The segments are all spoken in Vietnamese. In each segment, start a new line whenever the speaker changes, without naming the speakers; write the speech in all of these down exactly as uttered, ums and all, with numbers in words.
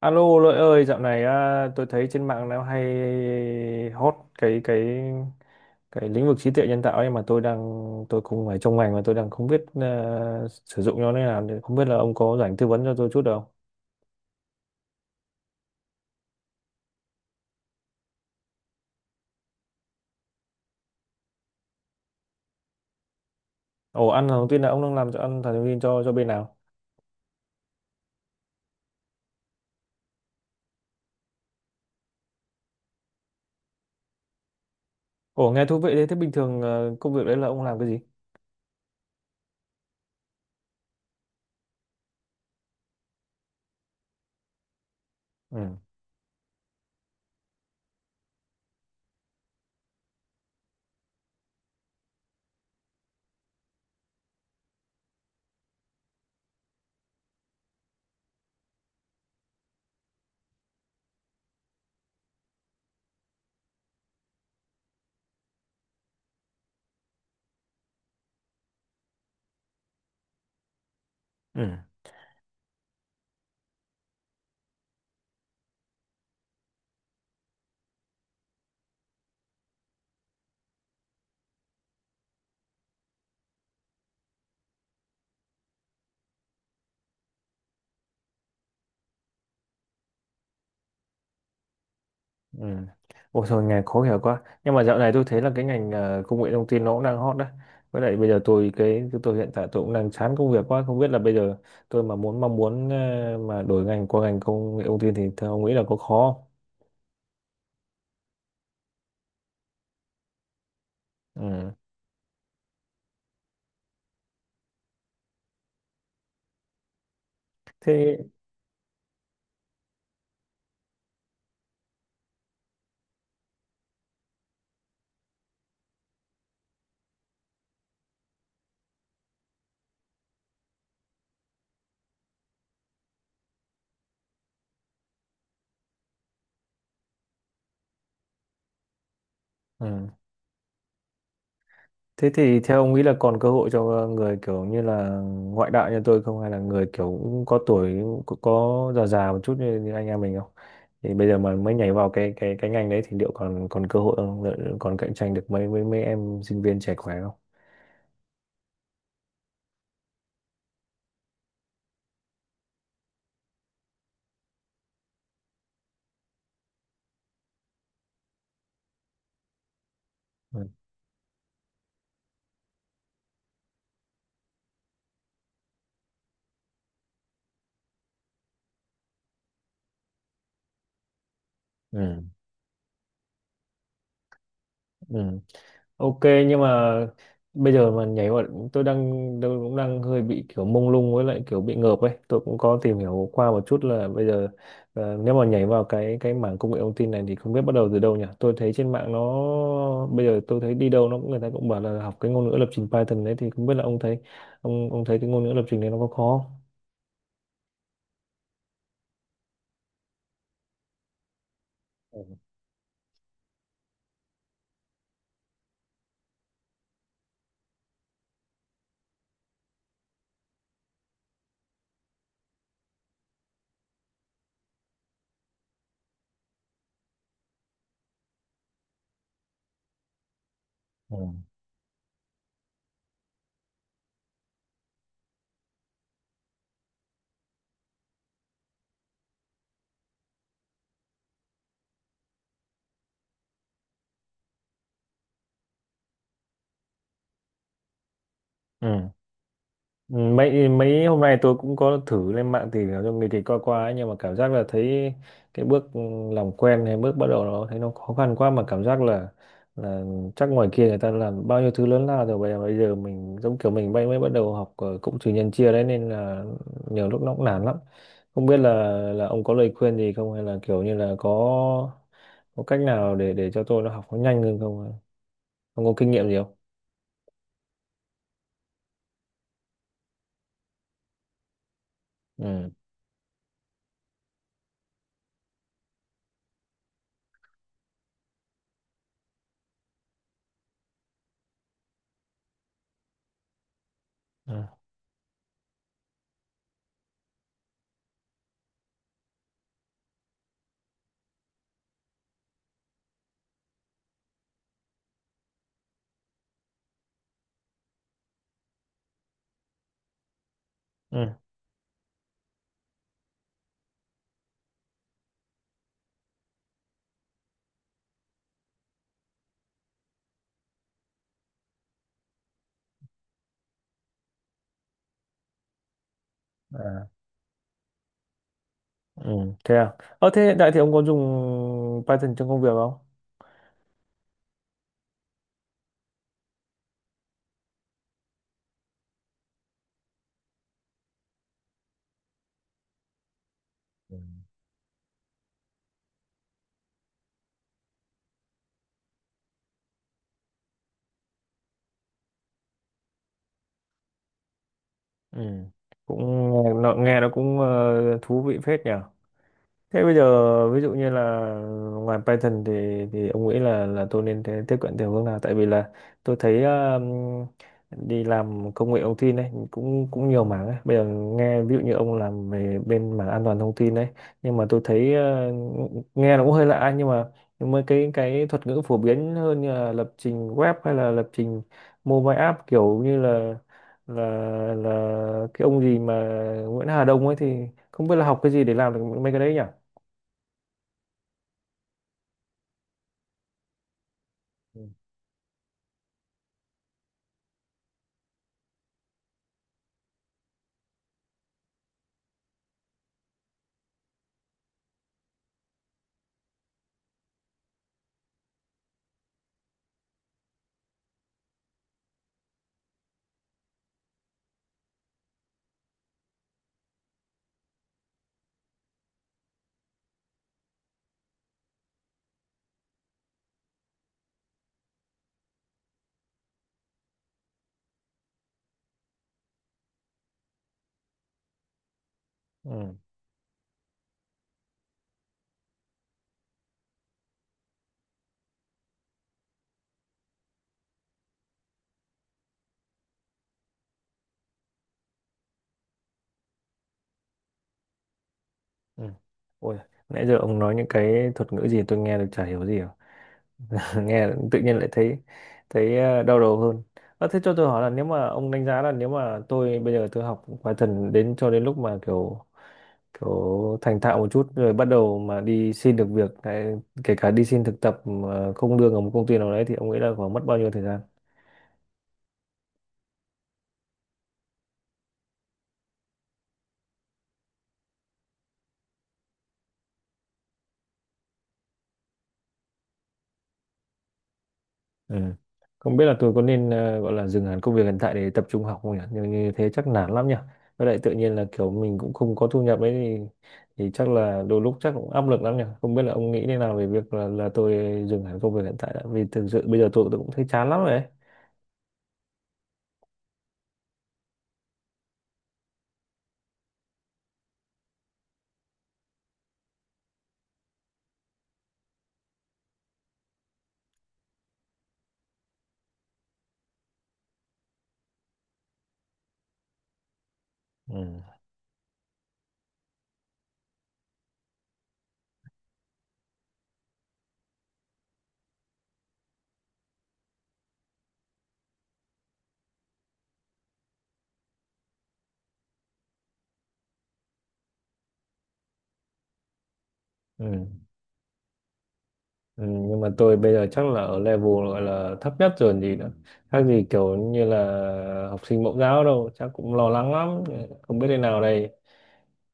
Alo Lợi ơi, dạo này à, tôi thấy trên mạng nó hay hot cái cái cái lĩnh vực trí tuệ nhân tạo ấy mà tôi đang tôi cũng phải trong ngành mà tôi đang không biết à, sử dụng nó như nào, thì không biết là ông có rảnh tư vấn cho tôi chút được không? Ồ, ăn thông tin là ông đang làm cho ăn thần thông tin cho cho bên nào? Ồ, nghe thú vị đấy. Thế bình thường à, công việc đấy là ông làm cái gì? Ừ. Ừ. Ừ. Ôi thôi, ngành khó hiểu quá. Nhưng mà dạo này tôi thấy là cái ngành ờ, công nghệ thông tin nó cũng đang hot đấy. Với lại bây giờ tôi cái tôi hiện tại tôi cũng đang chán công việc quá. Không biết là bây giờ tôi mà muốn mong muốn ờ, mà đổi ngành qua ngành công nghệ thông tin. Thì theo ông nghĩ là có khó không? Ừ. Thế ừ. Thế thì theo ông nghĩ là còn cơ hội cho người kiểu như là ngoại đạo như tôi không, hay là người kiểu cũng có tuổi, có, có già già một chút như, như anh em mình không? Thì bây giờ mà mới nhảy vào cái cái cái ngành đấy thì liệu còn còn cơ hội không? Liệu còn cạnh tranh được mấy mấy mấy em sinh viên trẻ khỏe không? Ừ. Ừ. Ừ. Ok, nhưng mà bây giờ mà nhảy vào, tôi đang tôi cũng đang hơi bị kiểu mông lung, với lại kiểu bị ngợp ấy. Tôi cũng có tìm hiểu qua một chút là bây giờ ờ, nếu mà nhảy vào cái cái mảng công nghệ thông tin này thì không biết bắt đầu từ đâu nhỉ. Tôi thấy trên mạng nó bây giờ tôi thấy đi đâu nó cũng người ta cũng bảo là học cái ngôn ngữ lập trình Python đấy, thì không biết là ông thấy ông ông thấy cái ngôn ngữ lập trình này nó có khó không? Ừ. Ừ. Ừ, mấy mấy hôm nay tôi cũng có thử lên mạng tìm hiểu cho người thì qua qua ấy, nhưng mà cảm giác là thấy cái bước làm quen hay bước bắt đầu nó thấy nó khó khăn quá, mà cảm giác là là chắc ngoài kia người ta làm bao nhiêu thứ lớn lao rồi, bây giờ bây giờ mình giống kiểu mình mới mới bắt đầu học ờ, cũng trừ nhân chia đấy, nên là nhiều lúc nó cũng nản lắm. Không biết là là ông có lời khuyên gì không, hay là kiểu như là có có cách nào để để cho tôi nó học nó nhanh hơn không, ông có kinh nghiệm gì không? Ừ. Ừ. Ừ thế à. Ờ thế hiện tại thì ông có dùng Python trong công việc không? Ừ. Ừ, cũng nghe nó, nghe nó cũng ờ, thú vị phết nhỉ. Thế bây giờ ví dụ như là ngoài Python thì thì ông nghĩ là là tôi nên thế- tiếp cận theo hướng nào? Tại vì là tôi thấy um, đi làm công nghệ thông tin đấy cũng cũng nhiều mảng ấy. Bây giờ nghe ví dụ như ông làm về bên mảng an toàn thông tin đấy, nhưng mà tôi thấy uh, nghe nó cũng hơi lạ, nhưng mà nhưng mà cái cái thuật ngữ phổ biến hơn như là lập trình web hay là lập trình mobile app, kiểu như là là là cái ông gì mà Nguyễn Hà Đông ấy, thì không biết là học cái gì để làm được mấy cái đấy nhỉ? Ừ. Ừ. Ừ. Ôi, nãy giờ ông nói những cái thuật ngữ gì tôi nghe được chả hiểu gì cả. Nghe tự nhiên lại thấy thấy ờ, đau đầu hơn. À, thế cho tôi hỏi là nếu mà ông đánh giá là nếu mà tôi bây giờ tôi học Python đến cho đến lúc mà kiểu kiểu thành thạo một chút rồi bắt đầu mà đi xin được việc, cái- kể cả đi xin thực tập mà không lương ở một công ty nào đấy, thì ông nghĩ là khoảng mất bao nhiêu thời gian? Ừ. Không biết là tôi có nên ờ, gọi là dừng hẳn công việc hiện tại để tập trung học không nhỉ? Nhưng như thế chắc nản lắm nhỉ. Với lại tự nhiên là kiểu mình cũng không có thu nhập ấy, thì thì chắc là đôi lúc chắc cũng áp lực lắm nhỉ. Không biết là ông nghĩ thế nào về việc là là tôi dừng hẳn công việc hiện tại đã. Vì thực sự bây giờ tôi, tôi cũng thấy chán lắm rồi ấy. Ừ. Ừ. Ừ. Nhưng mà tôi bây giờ chắc là ở level gọi là thấp nhất rồi gì nữa. Khác gì kiểu như là học sinh mẫu giáo đâu, chắc cũng lo lắng lắm. Không biết thế nào đây.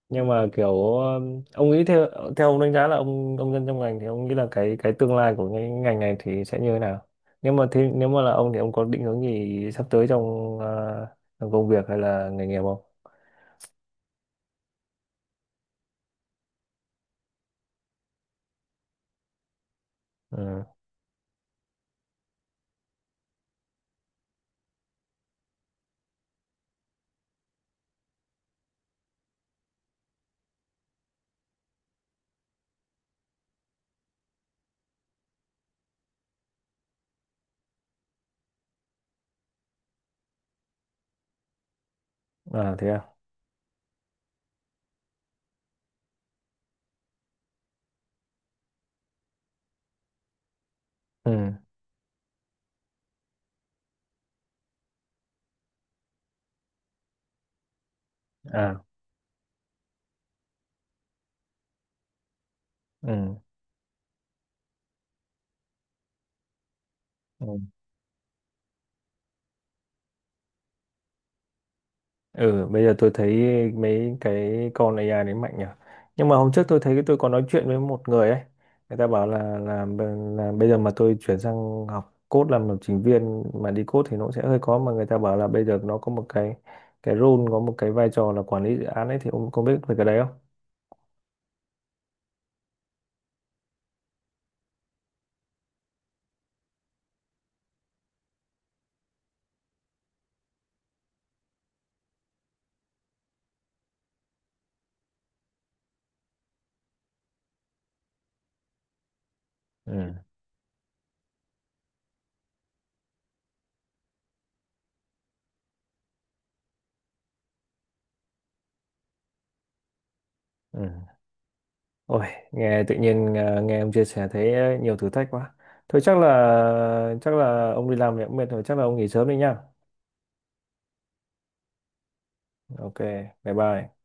Nhưng mà kiểu um, ông nghĩ theo theo ông đánh giá là ông ông dân trong ngành thì ông nghĩ là cái cái tương lai của cái ngành này thì sẽ như thế nào, nếu mà thế, nếu mà là ông thì ông có định hướng gì sắp tới trong, ờ, trong công việc hay là nghề nghiệp không? Ừ. À thế à. Ừ. À. Ừ. Ừ. Ừ, bây giờ tôi thấy mấy cái con a i đấy mạnh nhỉ. Nhưng mà hôm trước tôi thấy tôi có nói chuyện với một người ấy. Người ta bảo là là, là bây giờ mà tôi chuyển sang học code làm lập trình viên mà đi code thì nó cũng sẽ hơi khó, mà người ta bảo là bây giờ nó có một cái cái role, có một cái vai trò là quản lý dự án ấy, thì ông có biết về cái đấy không? Ừ. Ừ. Ôi, nghe tự nhiên à, nghe ông chia sẻ thấy ờ, nhiều thử thách quá. Thôi chắc là chắc là ông đi làm thì cũng mệt rồi, chắc là ông nghỉ sớm đi nhá. Ok, bye bye.